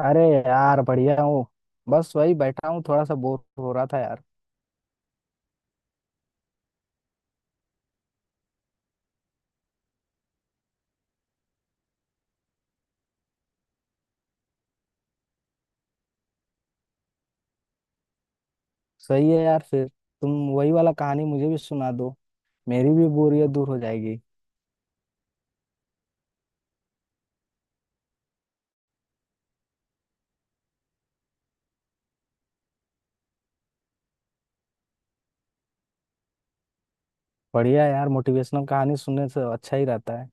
अरे यार बढ़िया हूँ। बस वही बैठा हूँ, थोड़ा सा बोर हो रहा था यार। सही है यार, फिर तुम वही वाला कहानी मुझे भी सुना दो, मेरी भी बोरियत दूर हो जाएगी। बढ़िया यार, मोटिवेशनल कहानी सुनने से अच्छा ही रहता है।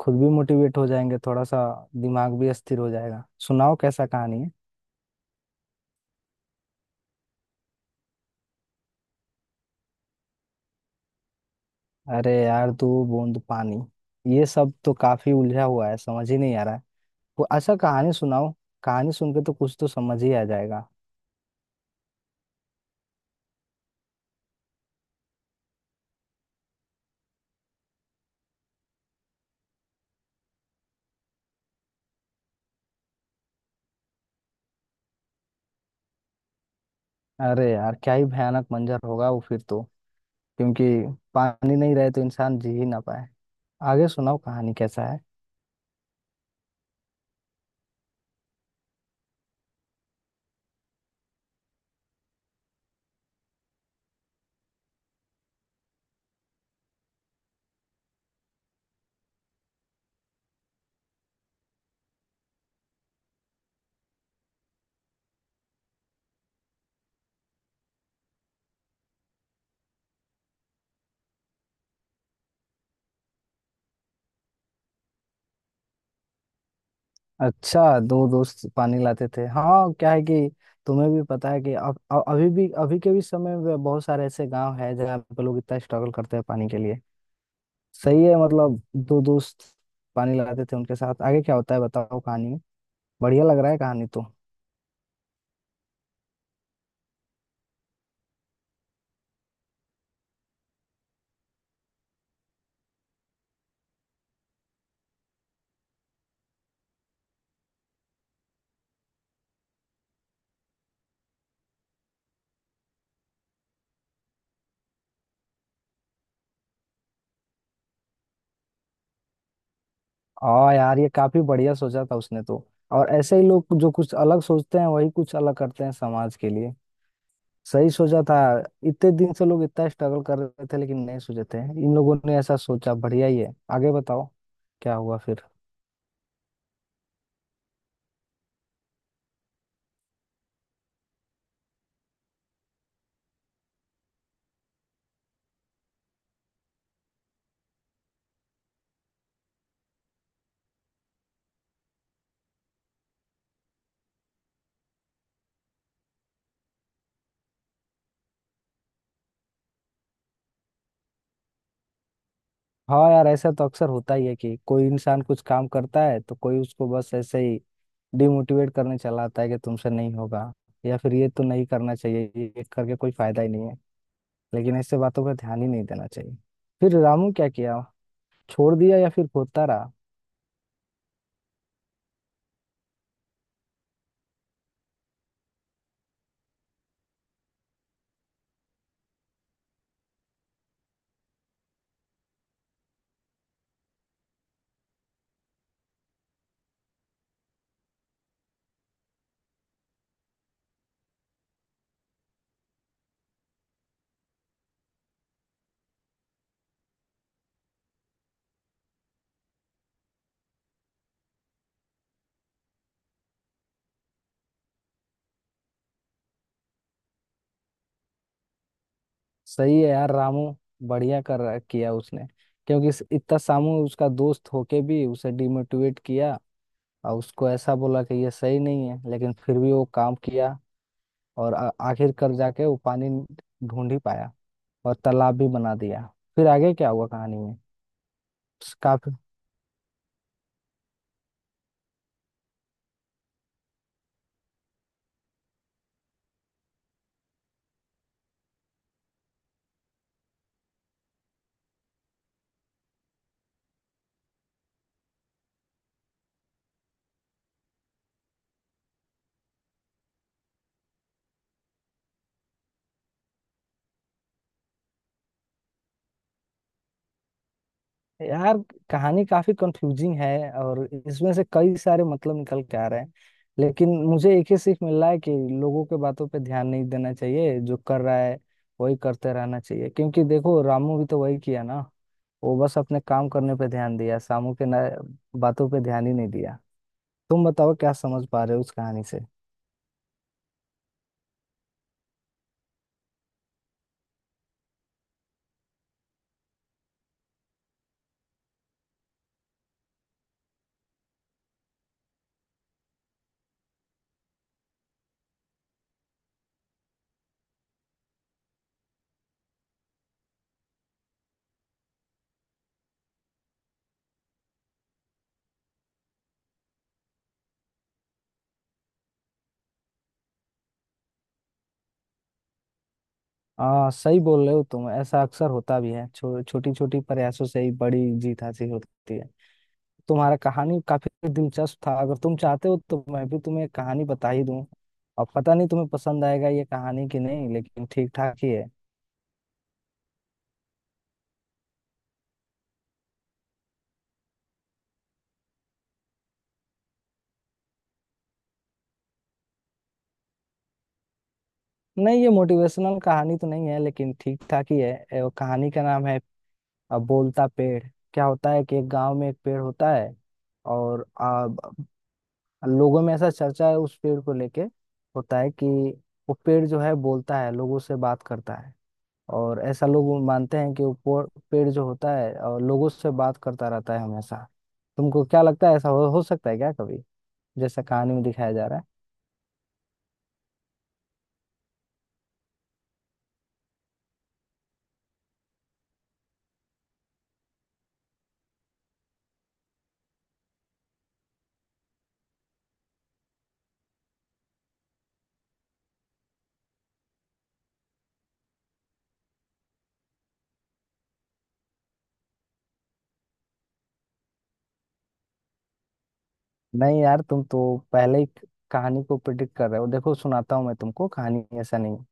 खुद भी मोटिवेट हो जाएंगे थोड़ा सा, दिमाग भी स्थिर हो जाएगा। सुनाओ कैसा कहानी है। अरे यार, तू बूंद पानी ये सब तो काफी उलझा हुआ है, समझ ही नहीं आ रहा है। वो अच्छा कहानी सुनाओ, कहानी सुन के तो कुछ तो समझ ही आ जाएगा। अरे यार, क्या ही भयानक मंजर होगा वो फिर तो। क्योंकि पानी नहीं रहे तो इंसान जी ही ना पाए। आगे सुनाओ कहानी कैसा है। अच्छा, दो दोस्त पानी लाते थे। हाँ, क्या है कि तुम्हें भी पता है कि अब अभी भी अभी के भी समय में बहुत सारे ऐसे गांव है जहाँ पे लोग इतना स्ट्रगल करते हैं पानी के लिए। सही है, मतलब दो दोस्त पानी लाते थे उनके साथ। आगे क्या होता है बताओ कहानी में, बढ़िया लग रहा है कहानी तो। हाँ यार, ये काफी बढ़िया सोचा था उसने तो। और ऐसे ही लोग जो कुछ अलग सोचते हैं वही कुछ अलग करते हैं समाज के लिए। सही सोचा था, इतने दिन से लोग इतना स्ट्रगल कर रहे थे लेकिन नहीं सोचे थे। इन लोगों ने ऐसा सोचा, बढ़िया ही है। आगे बताओ क्या हुआ फिर। हाँ यार, ऐसा तो अक्सर होता ही है कि कोई इंसान कुछ काम करता है तो कोई उसको बस ऐसे ही डिमोटिवेट करने चला आता है कि तुमसे नहीं होगा, या फिर ये तो नहीं करना चाहिए, ये करके कोई फायदा ही नहीं है। लेकिन ऐसे बातों पर ध्यान ही नहीं देना चाहिए। फिर रामू क्या किया, छोड़ दिया या फिर होता रहा। सही है यार, रामू बढ़िया कर रहा किया उसने। क्योंकि इतना सामू उसका दोस्त होके भी उसे डिमोटिवेट किया और उसको ऐसा बोला कि ये सही नहीं है, लेकिन फिर भी वो काम किया। और आखिरकार जाके वो पानी ढूंढ ही पाया और तालाब भी बना दिया। फिर आगे क्या हुआ कहानी में। काफी यार, कहानी काफी कंफ्यूजिंग है और इसमें से कई सारे मतलब निकल के आ रहे हैं। लेकिन मुझे एक ही सीख मिल रहा है कि लोगों के बातों पे ध्यान नहीं देना चाहिए, जो कर रहा है वही करते रहना चाहिए। क्योंकि देखो, रामू भी तो वही किया ना, वो बस अपने काम करने पे ध्यान दिया, सामू के ना बातों पे ध्यान ही नहीं दिया। तुम बताओ क्या समझ पा रहे हो उस कहानी से। हाँ सही बोल रहे हो तुम, ऐसा अक्सर होता भी है, छोटी छोटी प्रयासों से ही बड़ी जीत हासिल होती है। तुम्हारा कहानी काफी दिलचस्प था। अगर तुम चाहते हो तो मैं भी तुम्हें एक कहानी बता ही दूं। अब पता नहीं तुम्हें पसंद आएगा ये कहानी कि नहीं, लेकिन ठीक ठाक ही है। नहीं, ये मोटिवेशनल कहानी तो नहीं है लेकिन ठीक ठाक ही है। वो कहानी का नाम है बोलता पेड़। क्या होता है कि एक गांव में एक पेड़ होता है। और लोगों में ऐसा चर्चा है उस पेड़ को लेके, होता है कि वो पेड़ जो है बोलता है, लोगों से बात करता है। और ऐसा लोग मानते हैं कि वो पेड़ जो होता है और लोगों से बात करता रहता है हमेशा। तुमको क्या लगता है ऐसा हो सकता है क्या कभी, जैसा कहानी में दिखाया जा रहा है। नहीं यार, तुम तो पहले ही कहानी को प्रिडिक्ट कर रहे हो। देखो सुनाता हूँ मैं तुमको कहानी, ऐसा नहीं है।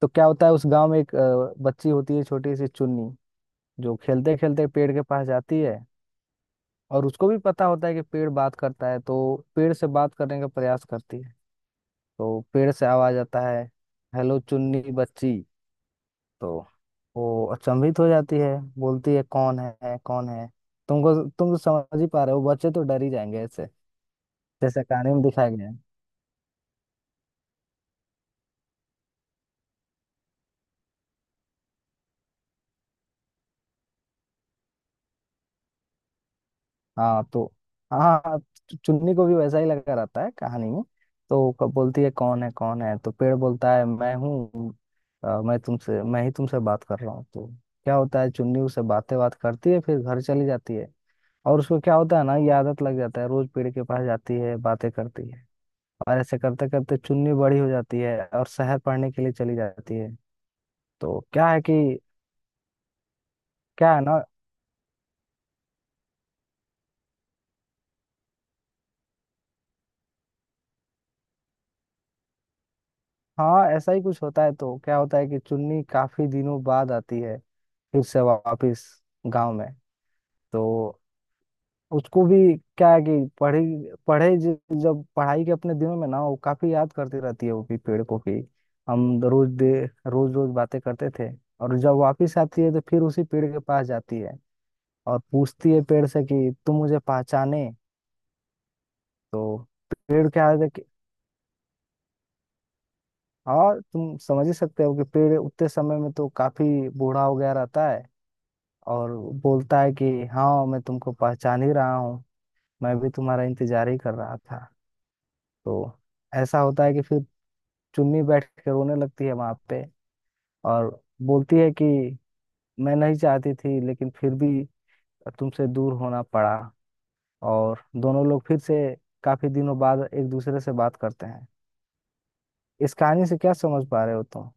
तो क्या होता है उस गांव में एक बच्ची होती है, छोटी सी चुन्नी, जो खेलते खेलते पेड़ के पास जाती है। और उसको भी पता होता है कि पेड़ बात करता है, तो पेड़ से बात करने का प्रयास करती है। तो पेड़ से आवाज आता है, हेलो चुन्नी बच्ची। तो वो अचंभित हो जाती है, बोलती है कौन है कौन है। तुम तो समझ ही पा रहे हो, बच्चे तो डर ही जाएंगे ऐसे, जैसे कहानी में दिखाया गया है। हाँ तो, हाँ हाँ, चुन्नी को भी वैसा ही लगा रहता है कहानी में। तो वो कब बोलती है कौन है कौन है, तो पेड़ बोलता है मैं हूँ। मैं ही तुमसे बात कर रहा हूँ। तो क्या होता है, चुन्नी उससे बात करती है, फिर घर चली जाती है। और उसको क्या होता है ना, ये आदत लग जाता है, रोज पेड़ के पास जाती है बातें करती है। और ऐसे करते करते चुन्नी बड़ी हो जाती है और शहर पढ़ने के लिए चली जाती है। तो क्या है कि क्या है ना, हाँ ऐसा ही कुछ होता है। तो क्या होता है कि चुन्नी काफी दिनों बाद आती है फिर से वापस गांव में। तो उसको भी क्या है कि पढ़ी पढ़े ज- जब पढ़ाई के अपने दिनों में ना, वो काफी याद करती रहती है वो भी पेड़ को, कि हम रोज दे रोज रोज बातें करते थे। और जब वापस आती है तो फिर उसी पेड़ के पास जाती है और पूछती है पेड़ से कि तुम मुझे पहचाने। तो पेड़ क्या है कि, और तुम समझ ही सकते हो कि पेड़ उतने समय में तो काफी बूढ़ा हो गया रहता है। और बोलता है कि हाँ, मैं तुमको पहचान ही रहा हूँ, मैं भी तुम्हारा इंतजार ही कर रहा था। तो ऐसा होता है कि फिर चुन्नी बैठ के रोने लगती है वहां पे। और बोलती है कि मैं नहीं चाहती थी लेकिन फिर भी तुमसे दूर होना पड़ा। और दोनों लोग फिर से काफी दिनों बाद एक दूसरे से बात करते हैं। इस कहानी से क्या समझ पा रहे हो तुम।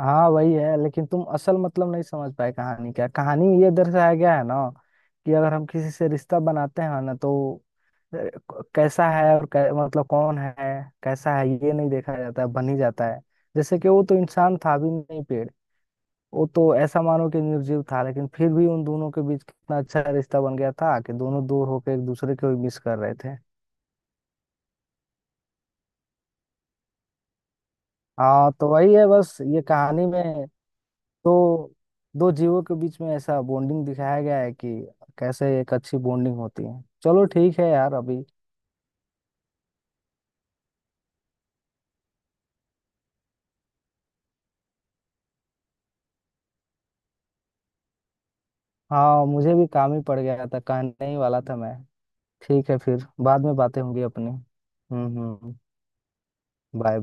हाँ वही है, लेकिन तुम असल मतलब नहीं समझ पाए कहानी। क्या कहानी ये दर्शाया गया है ना कि अगर हम किसी से रिश्ता बनाते हैं ना तो अ, क- कैसा है और कै, मतलब कौन है कैसा है ये नहीं देखा जाता है, बन ही जाता है। जैसे कि वो तो इंसान था भी नहीं, पेड़ वो तो ऐसा मानो कि निर्जीव था, लेकिन फिर भी उन दोनों के बीच कितना अच्छा रिश्ता बन गया था कि दोनों दूर होकर एक दूसरे को मिस कर रहे थे। हाँ तो वही है बस ये कहानी में। तो दो जीवों के बीच में ऐसा बॉन्डिंग दिखाया गया है कि कैसे एक अच्छी बॉन्डिंग होती है। चलो ठीक है यार, अभी हाँ मुझे भी काम ही पड़ गया था, कहने ही वाला था मैं। ठीक है, फिर बाद में बातें होंगी अपनी। हम्म। बाय।